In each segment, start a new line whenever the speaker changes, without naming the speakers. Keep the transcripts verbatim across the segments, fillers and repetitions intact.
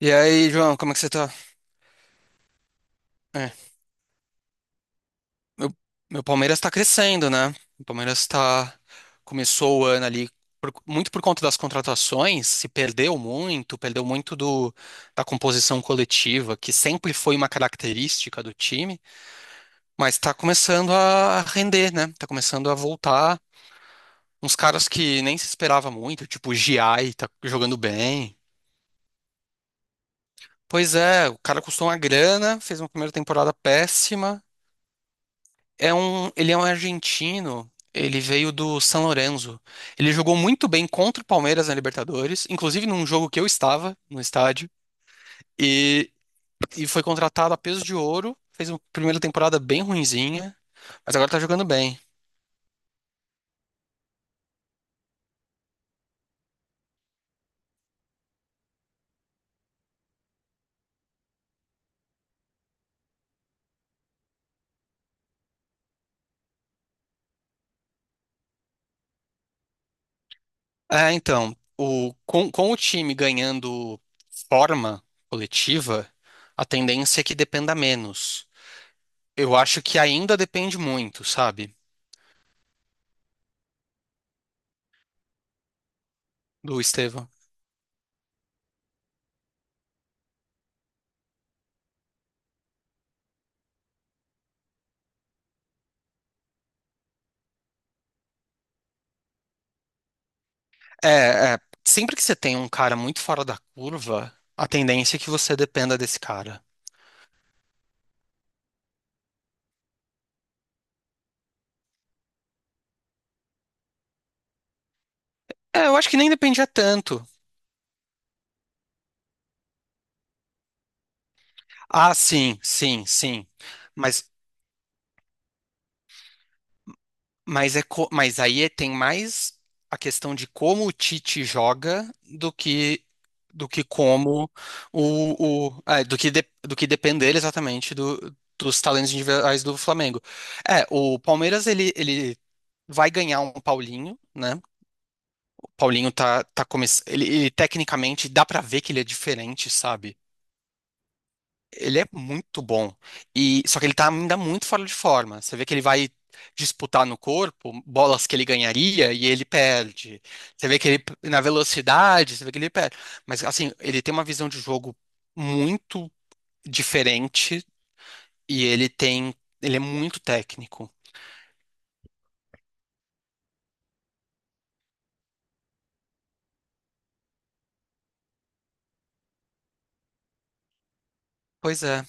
E aí, João, como é que você tá? É, meu, meu Palmeiras tá crescendo, né? O Palmeiras tá, começou o ano ali por- muito por conta das contratações, se perdeu muito, perdeu muito do, da composição coletiva, que sempre foi uma característica do time, mas tá começando a render, né? Tá começando a voltar uns caras que nem se esperava muito, tipo o Giai tá jogando bem. Pois é, o cara custou uma grana, fez uma primeira temporada péssima. É um, ele é um argentino. Ele veio do San Lorenzo. Ele jogou muito bem contra o Palmeiras na Libertadores, inclusive num jogo que eu estava no estádio. E, e foi contratado a peso de ouro. Fez uma primeira temporada bem ruinzinha, mas agora tá jogando bem. É, então, o, com, com o time ganhando forma coletiva, a tendência é que dependa menos. Eu acho que ainda depende muito, sabe, do Estevão. É, é, sempre que você tem um cara muito fora da curva, a tendência é que você dependa desse cara. É, eu acho que nem dependia tanto. Ah, sim, sim, sim. Mas, mas, é co- mas aí é- tem mais a questão de como o Tite joga do que do que como o, o é, do que de- do que depender exatamente do- dos talentos individuais do Flamengo. É, o Palmeiras ele, ele vai ganhar um Paulinho, né? Paulinho tá, tá começando. Ele, ele, tecnicamente dá pra ver que ele é diferente, sabe? Ele é muito bom. E só que ele tá ainda muito fora de forma. Você vê que ele vai disputar no corpo bolas que ele ganharia e ele perde. Você vê que ele na velocidade, você vê que ele perde. Mas assim, ele tem uma visão de jogo muito diferente e ele tem, ele é muito técnico. Pois é.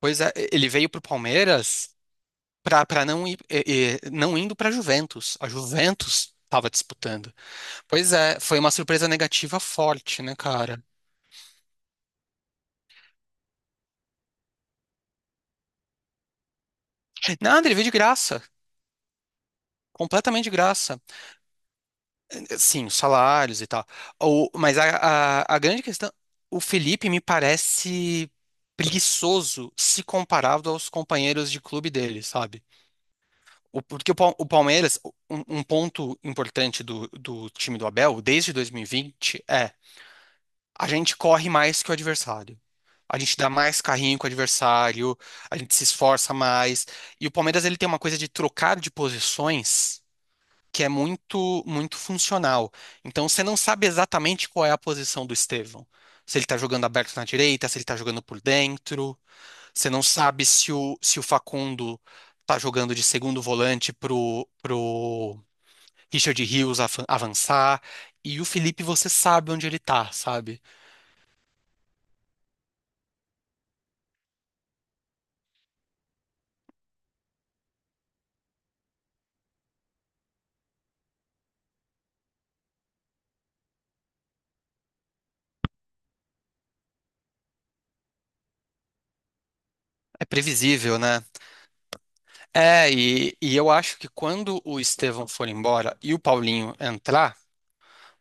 Pois é, ele veio pro Palmeiras para não ir, eh, eh, não indo para a Juventus. A Juventus estava disputando. Pois é, foi uma surpresa negativa forte, né, cara? Nada, ele veio de graça. Completamente de graça. Sim, os salários e tal. O, mas a, a, a grande questão. O Felipe me parece preguiçoso se comparado aos companheiros de clube dele, sabe? O- Porque o Pal- o Palmeiras, um um ponto importante do, do time do Abel, desde dois mil e vinte é. A gente corre mais que o adversário. A gente dá mais carrinho que o adversário, a gente se esforça mais. E o Palmeiras ele tem uma coisa de trocar de posições que é muito muito funcional. Então você não sabe exatamente qual é a posição do Estevão. Se ele tá jogando aberto na direita, se ele tá jogando por dentro, você não sabe se o, se o Facundo tá jogando de segundo volante pro, pro Richard Rios avan- avançar. E o Felipe, você sabe onde ele tá, sabe? É previsível, né? É, e, e eu acho que quando o Estevão for embora e o Paulinho entrar,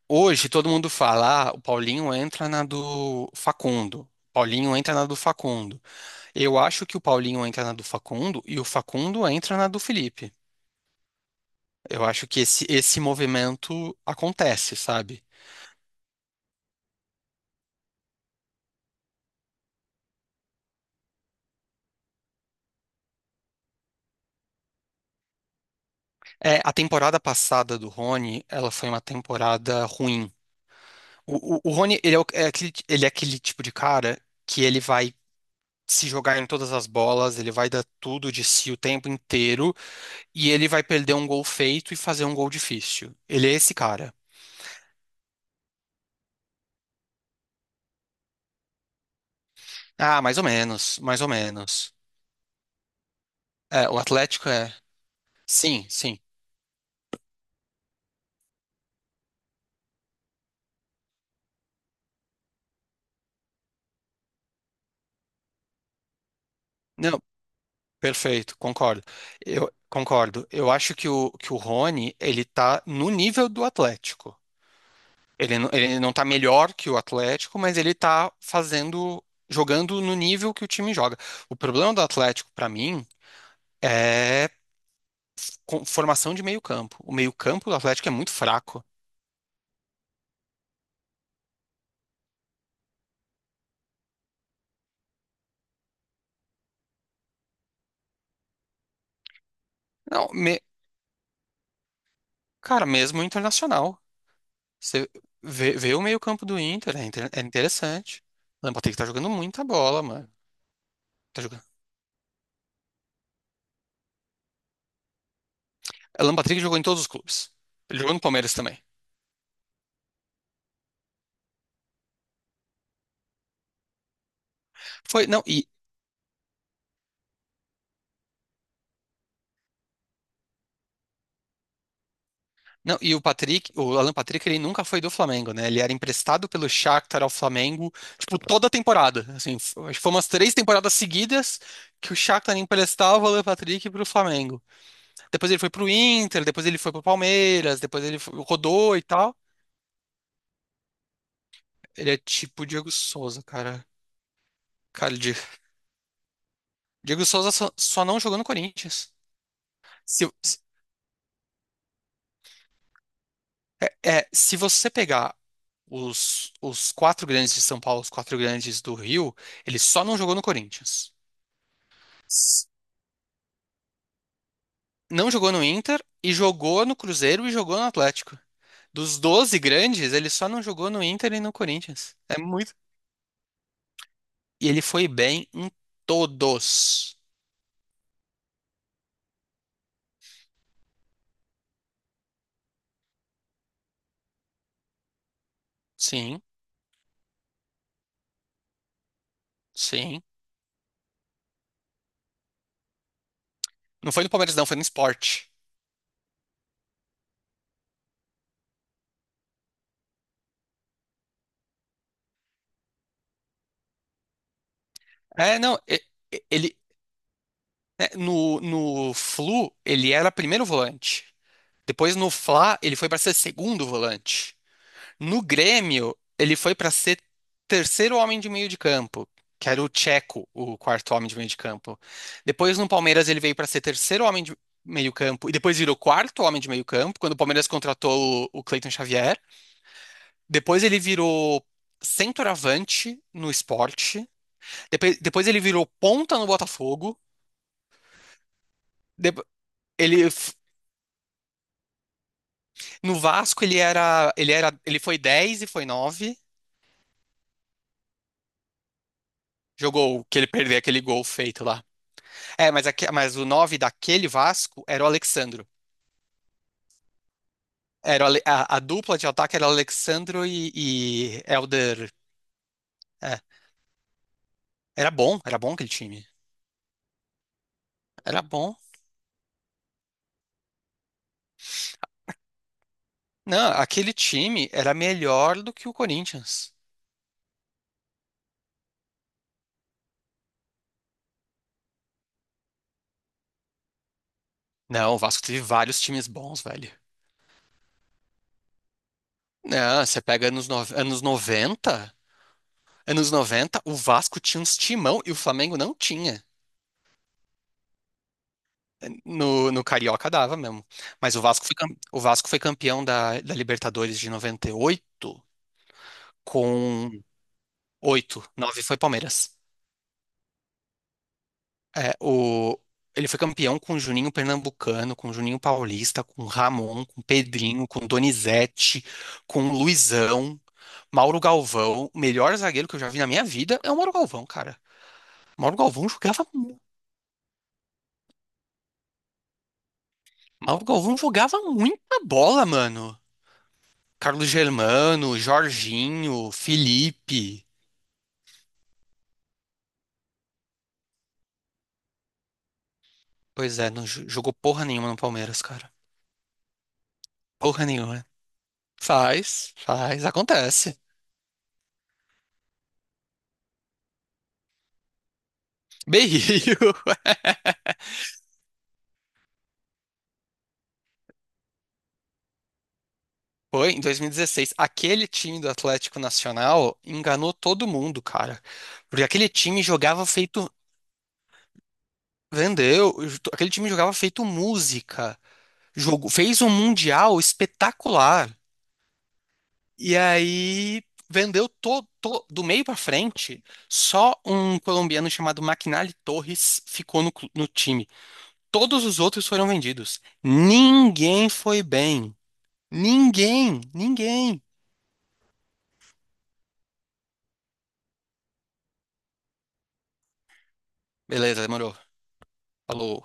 hoje todo mundo fala, ah, o Paulinho entra na do Facundo. Paulinho entra na do Facundo. Eu acho que o Paulinho entra na do Facundo e o Facundo entra na do Felipe. Eu acho que esse, esse movimento acontece, sabe? É, a temporada passada do Rony, ela foi uma temporada ruim. O, o, o Rony, ele é, o- é aquele, ele é aquele tipo de cara que ele vai se jogar em todas as bolas, ele vai dar tudo de si o tempo inteiro e ele vai perder um gol feito e fazer um gol difícil. Ele é esse cara. Ah, mais ou menos, mais ou menos. É, o Atlético é. Sim, sim. Não, perfeito, concordo. Eu concordo. Eu acho que o, que o Rony, ele tá no nível do Atlético. Ele, não- ele não tá melhor que o Atlético, mas ele tá fazendo, jogando no nível que o time joga. O problema do Atlético, pra mim, é com- formação de meio campo. O meio campo do Atlético é muito fraco. Não, me- cara, mesmo o internacional. Você vê, vê o meio campo do Inter, é, inter- é interessante. O Alan Patrick tá jogando muita bola, mano. Tá jogando. O Alan Patrick jogou em todos os clubes. Ele jogou no Palmeiras também. Foi, não, e, não, e o Patrick, o Alan Patrick, ele nunca foi do Flamengo, né? Ele era emprestado pelo Shakhtar ao Flamengo, tipo, toda a temporada. Assim, f- acho que foi umas três temporadas seguidas que o Shakhtar emprestava o Alan Patrick pro Flamengo. Depois ele foi pro Inter, depois ele foi pro Palmeiras, depois ele foi- rodou e tal. Ele é tipo o Diego Souza, cara. Cara, o Di- Diego Souza só, só não jogou no Corinthians. Se, se- é, se você pegar os, os quatro grandes de São Paulo, os quatro grandes do Rio, ele só não jogou no Corinthians. S- Não jogou no Inter e jogou no Cruzeiro e jogou no Atlético. Dos doze grandes, ele só não jogou no Inter e no Corinthians. É muito. E ele foi bem em todos. Sim, sim. Não foi no Palmeiras, não, foi no Sport. É, não, e- e- ele né, no, no Flu ele era primeiro volante. Depois no Fla ele foi para ser segundo volante. No Grêmio ele foi para ser terceiro homem de meio de campo, que era o Tcheco, o quarto homem de meio de campo. Depois no Palmeiras ele veio para ser terceiro homem de meio campo e depois virou quarto homem de meio campo quando o Palmeiras contratou o, o Cleiton Xavier. Depois ele virou centroavante no Sport. Depois, depois ele virou ponta no Botafogo. Depo- ele f- no Vasco ele era, ele era, ele foi dez e foi nove. Jogou que ele perdeu aquele gol feito lá. É, mas, aque- mas o nove daquele Vasco era o Alexandro. Era o Ale- a, a dupla de ataque era Alexandro e, e Elder. É, era bom, era bom aquele time. Era bom. Não, aquele time era melhor do que o Corinthians. Não, o Vasco teve vários times bons, velho. Não, você pega anos, no- anos noventa. Anos noventa o Vasco tinha uns timão e o Flamengo não tinha. No, no Carioca dava mesmo. Mas o Vasco foi, cam- o Vasco foi campeão da, da Libertadores de noventa e oito com. Oito nove foi Palmeiras. É, o, ele foi campeão com Juninho Pernambucano, com Juninho Paulista, com Ramon, com Pedrinho, com Donizete, com Luizão, Mauro Galvão. O melhor zagueiro que eu já vi na minha vida é o Mauro Galvão, cara. Mauro Galvão jogava, mu- Mauro Galvão jogava muita bola, mano. Carlos Germano, Jorginho, Felipe. Pois é, não jo- jogou porra nenhuma no Palmeiras, cara. Porra nenhuma. Faz, faz, acontece. Berrio. Foi em dois mil e dezesseis. Aquele time do Atlético Nacional enganou todo mundo, cara. Porque aquele time jogava feito. Vendeu. Aquele time jogava feito música. Jogo, fez um mundial espetacular. E aí vendeu todo do meio pra frente, só um colombiano chamado McNally Torres ficou no, clu- no time. Todos os outros foram vendidos. Ninguém foi bem. Ninguém, ninguém. Beleza, demorou. Falou.